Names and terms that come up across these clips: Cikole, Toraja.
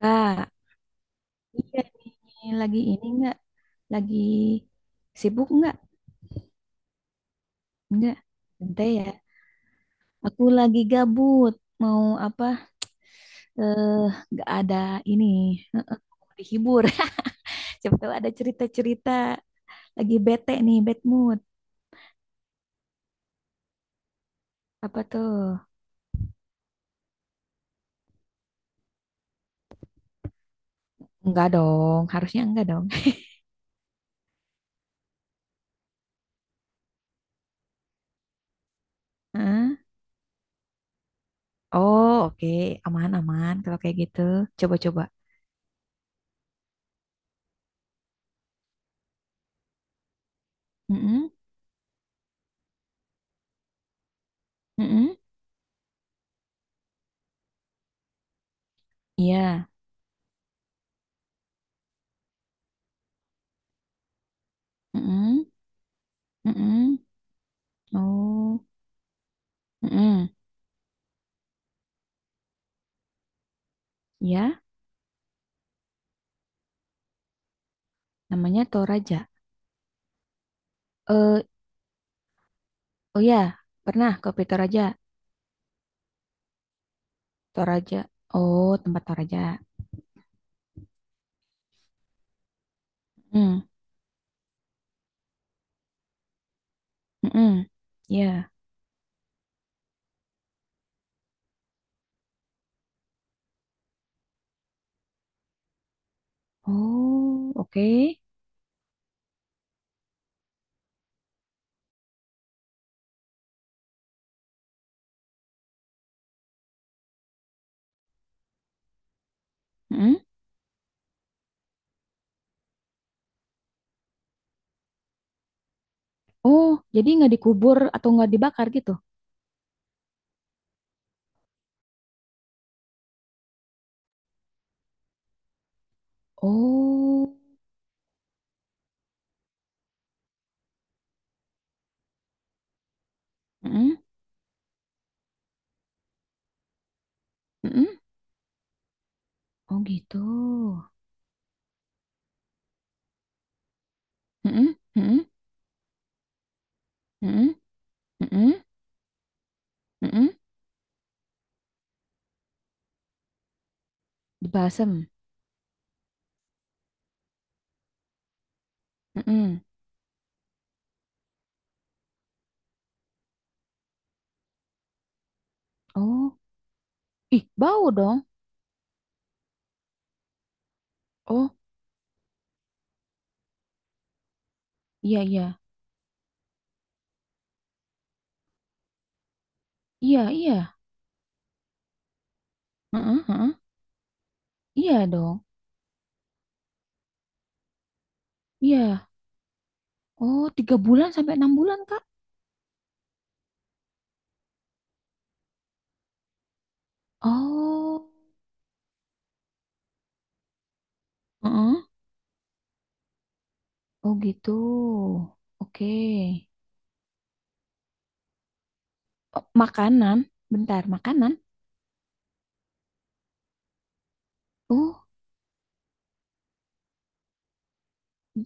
Kak, iya nih, lagi ini nggak Lagi sibuk nggak Bentar ya. Aku lagi gabut. Mau apa? Eh, nggak ada ini. Heeh, mau dihibur. Siapa tahu ada cerita-cerita. Lagi bete nih, bad mood. Apa tuh? Enggak dong. Harusnya enggak dong. Hah? Oh, oke. Aman-aman kalau kayak gitu. Coba-coba. Mm-mm. Mm-mm. Iya. Mm-mm. Mm-mm. Oh. Mm-mm. Iya. Namanya Toraja. Eh, oh ya, pernah kopi Toraja. Toraja. Oh, tempat Toraja. Hmm, hmm, ya. Oh, oke. Mm-mm. Oh, jadi nggak dikubur atau nggak dibakar gitu? Oh, hmm, hmm, oh gitu. Hmm, hmm, hmm, hmm, hmm, dibasem. Hmm, oh, ih, bau dong. Oh, iya, iya, iya, iya. Heeh, heeh. Iya dong. Iya. Oh, tiga bulan sampai enam bulan, Kak? Oh, heeh. Oh gitu. Oke. Oh, makanan, bentar, makanan. Oh,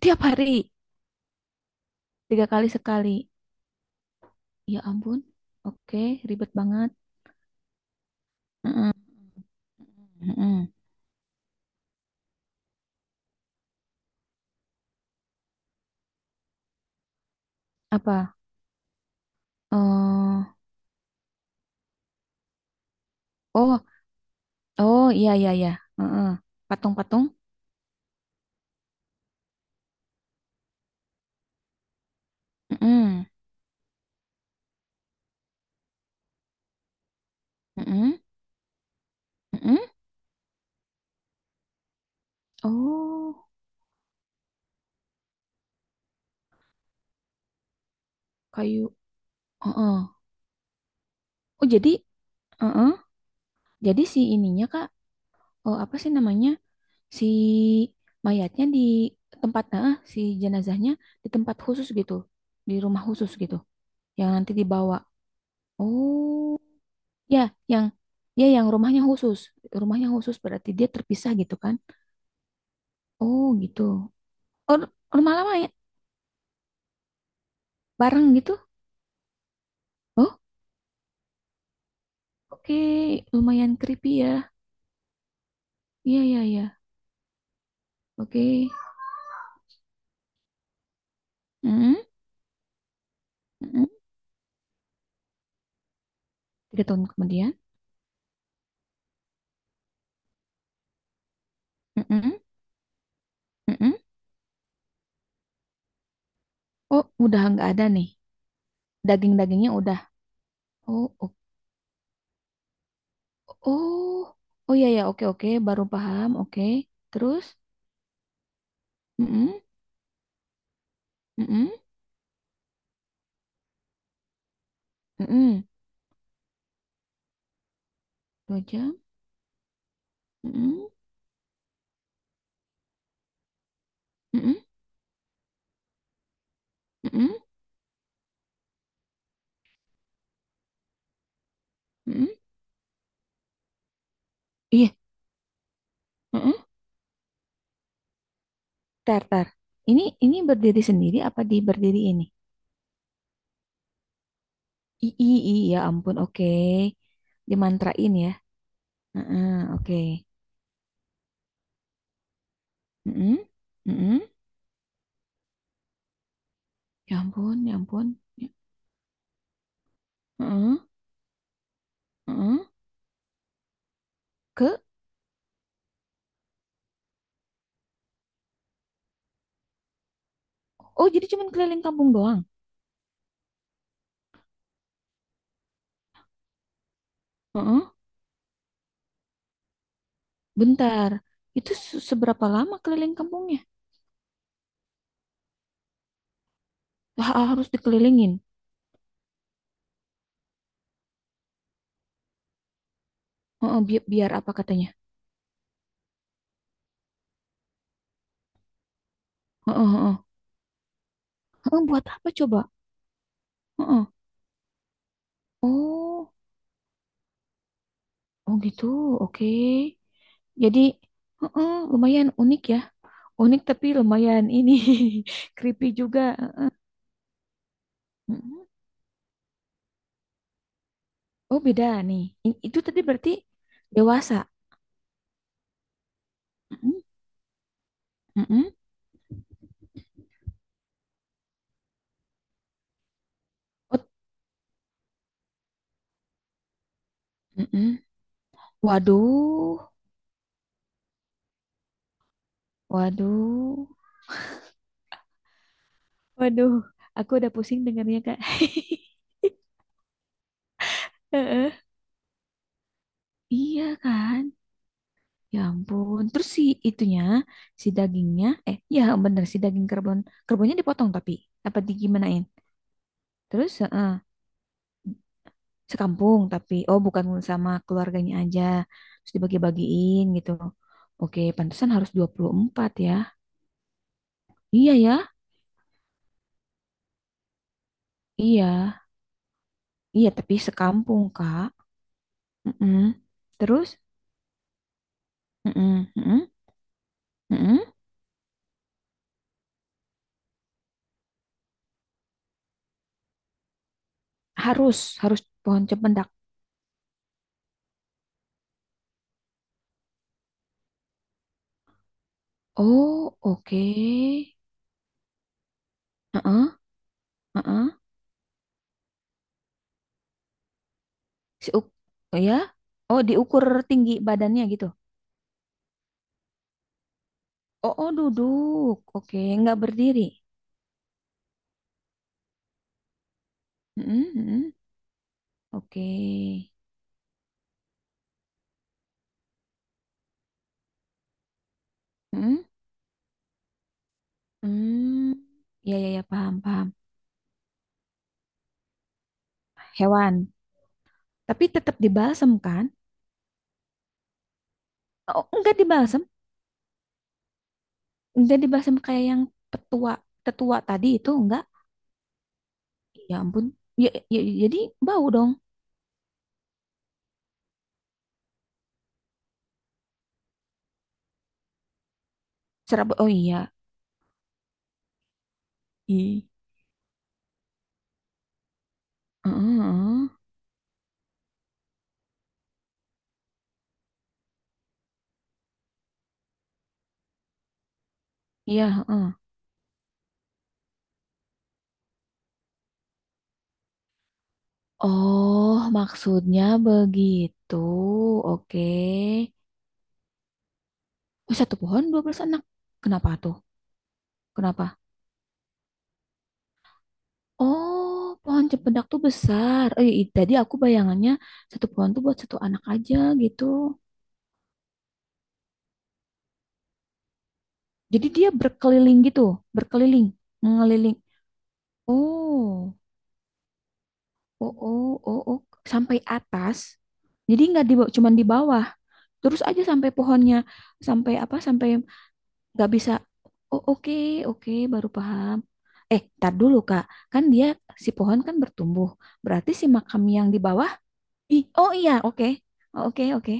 tiap hari, tiga kali sekali. Ya ampun. Oke, ribet banget. Mm-mm. Apa? Eh, oh, oh, iya, iya, iya. Heeh. Patung-patung. Mm-mm. Mm-mm. Mm-mm. Oh, kayu. Heeh. Oh, jadi, heeh. Jadi si ininya, Kak. Oh, apa sih namanya? Si mayatnya di tempat nah si jenazahnya di tempat khusus gitu di rumah khusus gitu yang nanti dibawa oh ya yang ya yang rumahnya khusus berarti dia terpisah gitu kan oh gitu oh rumah lama ya bareng gitu oh oke lumayan creepy ya iya iya iya oke. Mm-mm, mm-mm. Tiga tahun kemudian. Mm-mm, mm-mm. Oh udah nggak ada nih daging-dagingnya udah oh. Oh, oh iya ya, oke oke, baru paham, oke. Terus, mm-mm, mm-mm, mm-mm. Dua jam, mm-mm, mm-mm, mm-mm, mm-mm. Iya, mm-mm. Tar, tar. Ini berdiri sendiri apa di berdiri ini? I, ya ampun, oke. Dimantrain ya. Heeh, oke. Mm-mm, mm-mm. Ya ampun, ya ampun. Ya, heeh, heeh. Ke, oh jadi cuman keliling kampung doang. Heeh, bentar. Itu seberapa lama keliling kampungnya? Harus dikelilingin. Heeh, biar apa katanya? Heeh, heeh. Heeh, buat apa coba? Heeh. Oh, oh gitu. Oke. Jadi, heeh, lumayan unik ya. Unik tapi lumayan ini creepy juga. Heeh. Mm-mm. Oh, beda nih. Itu tadi berarti dewasa. Mm-mm. Mm-mm. Oh, mm-mm. Waduh. Waduh. Waduh. Aku udah pusing dengarnya, Kak. Heeh. Iya kan? Ya ampun. Terus si itunya, si dagingnya, eh ya bener si daging kerbon. Kerbonnya dipotong tapi apa di gimanain? Terus eh, sekampung tapi oh bukan sama keluarganya aja. Terus dibagi-bagiin gitu. Oke, pantesan harus 24 ya. Iya ya. Iya. Iya, tapi sekampung, Kak. Mm-mm. Terus mm-mm, mm-mm, mm-mm. Harus harus pohon cempedak. Oh, oke. Heeh, heeh. Si uk- oh ya? Oh, diukur tinggi badannya gitu. Oh, oh duduk. Oke, nggak berdiri. Mm-mm, mm-mm. Oke. Mm-mm. Hmm. Ya, ya, ya, paham, paham. Hewan. Tapi tetap dibalsem kan? Oh, enggak dibalsem. Enggak dibalsem kayak yang petua, tetua tadi itu enggak. Ya ampun. Ya, ya, jadi bau dong. Serabut. Oh iya. I, heeh, heeh. Iya, heeh. Oh, maksudnya begitu. Oke. Oh, satu pohon 12 anak. Kenapa tuh? Kenapa? Oh, pohon cempedak tuh besar. Eh, tadi aku bayangannya satu pohon tuh buat satu anak aja gitu. Jadi dia berkeliling gitu, berkeliling, ngeliling. Oh, oh, oh, oh, oh. Sampai atas. Jadi nggak di, cuman di bawah. Terus aja sampai pohonnya, sampai apa? Sampai nggak bisa oh oke oke baru paham eh tar dulu kak kan dia si pohon kan bertumbuh berarti si makam yang di bawah ih oh iya oke. Oh, oke oke.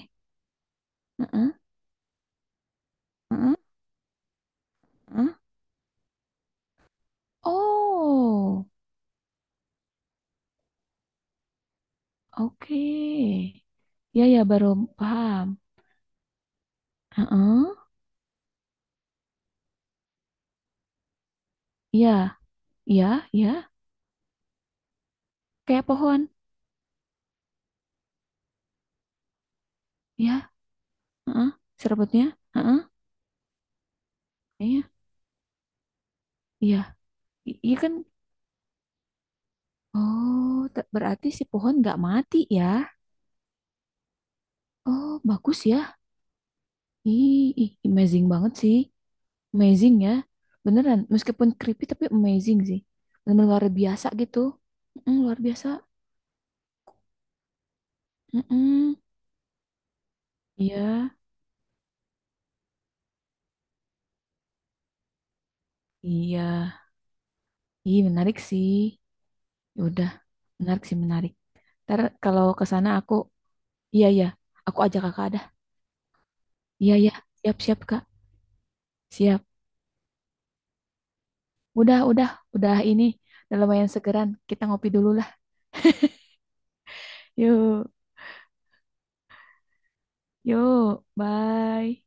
Heeh, heeh, heeh. Oh oke ya ya baru paham. Heeh, iya iya iya kayak pohon ya heeh, serabutnya heeh, iya iya iya kan oh berarti si pohon nggak mati ya oh bagus ya. Ih, ih, amazing banget sih. Amazing ya. Beneran, meskipun creepy tapi amazing sih. Bener luar biasa gitu. Mm, luar biasa. Mm-mm. Iya, iya. Ih, menarik sih. Ya udah, menarik sih, menarik. Ntar kalau ke sana aku, iya, iya. Aku ajak kakak dah. Iya, iya. Siap, siap, Kak. Siap. Udah, udah. Udah ini. Udah lumayan segeran. Kita ngopi dulu lah. Yuk, yuk. Bye.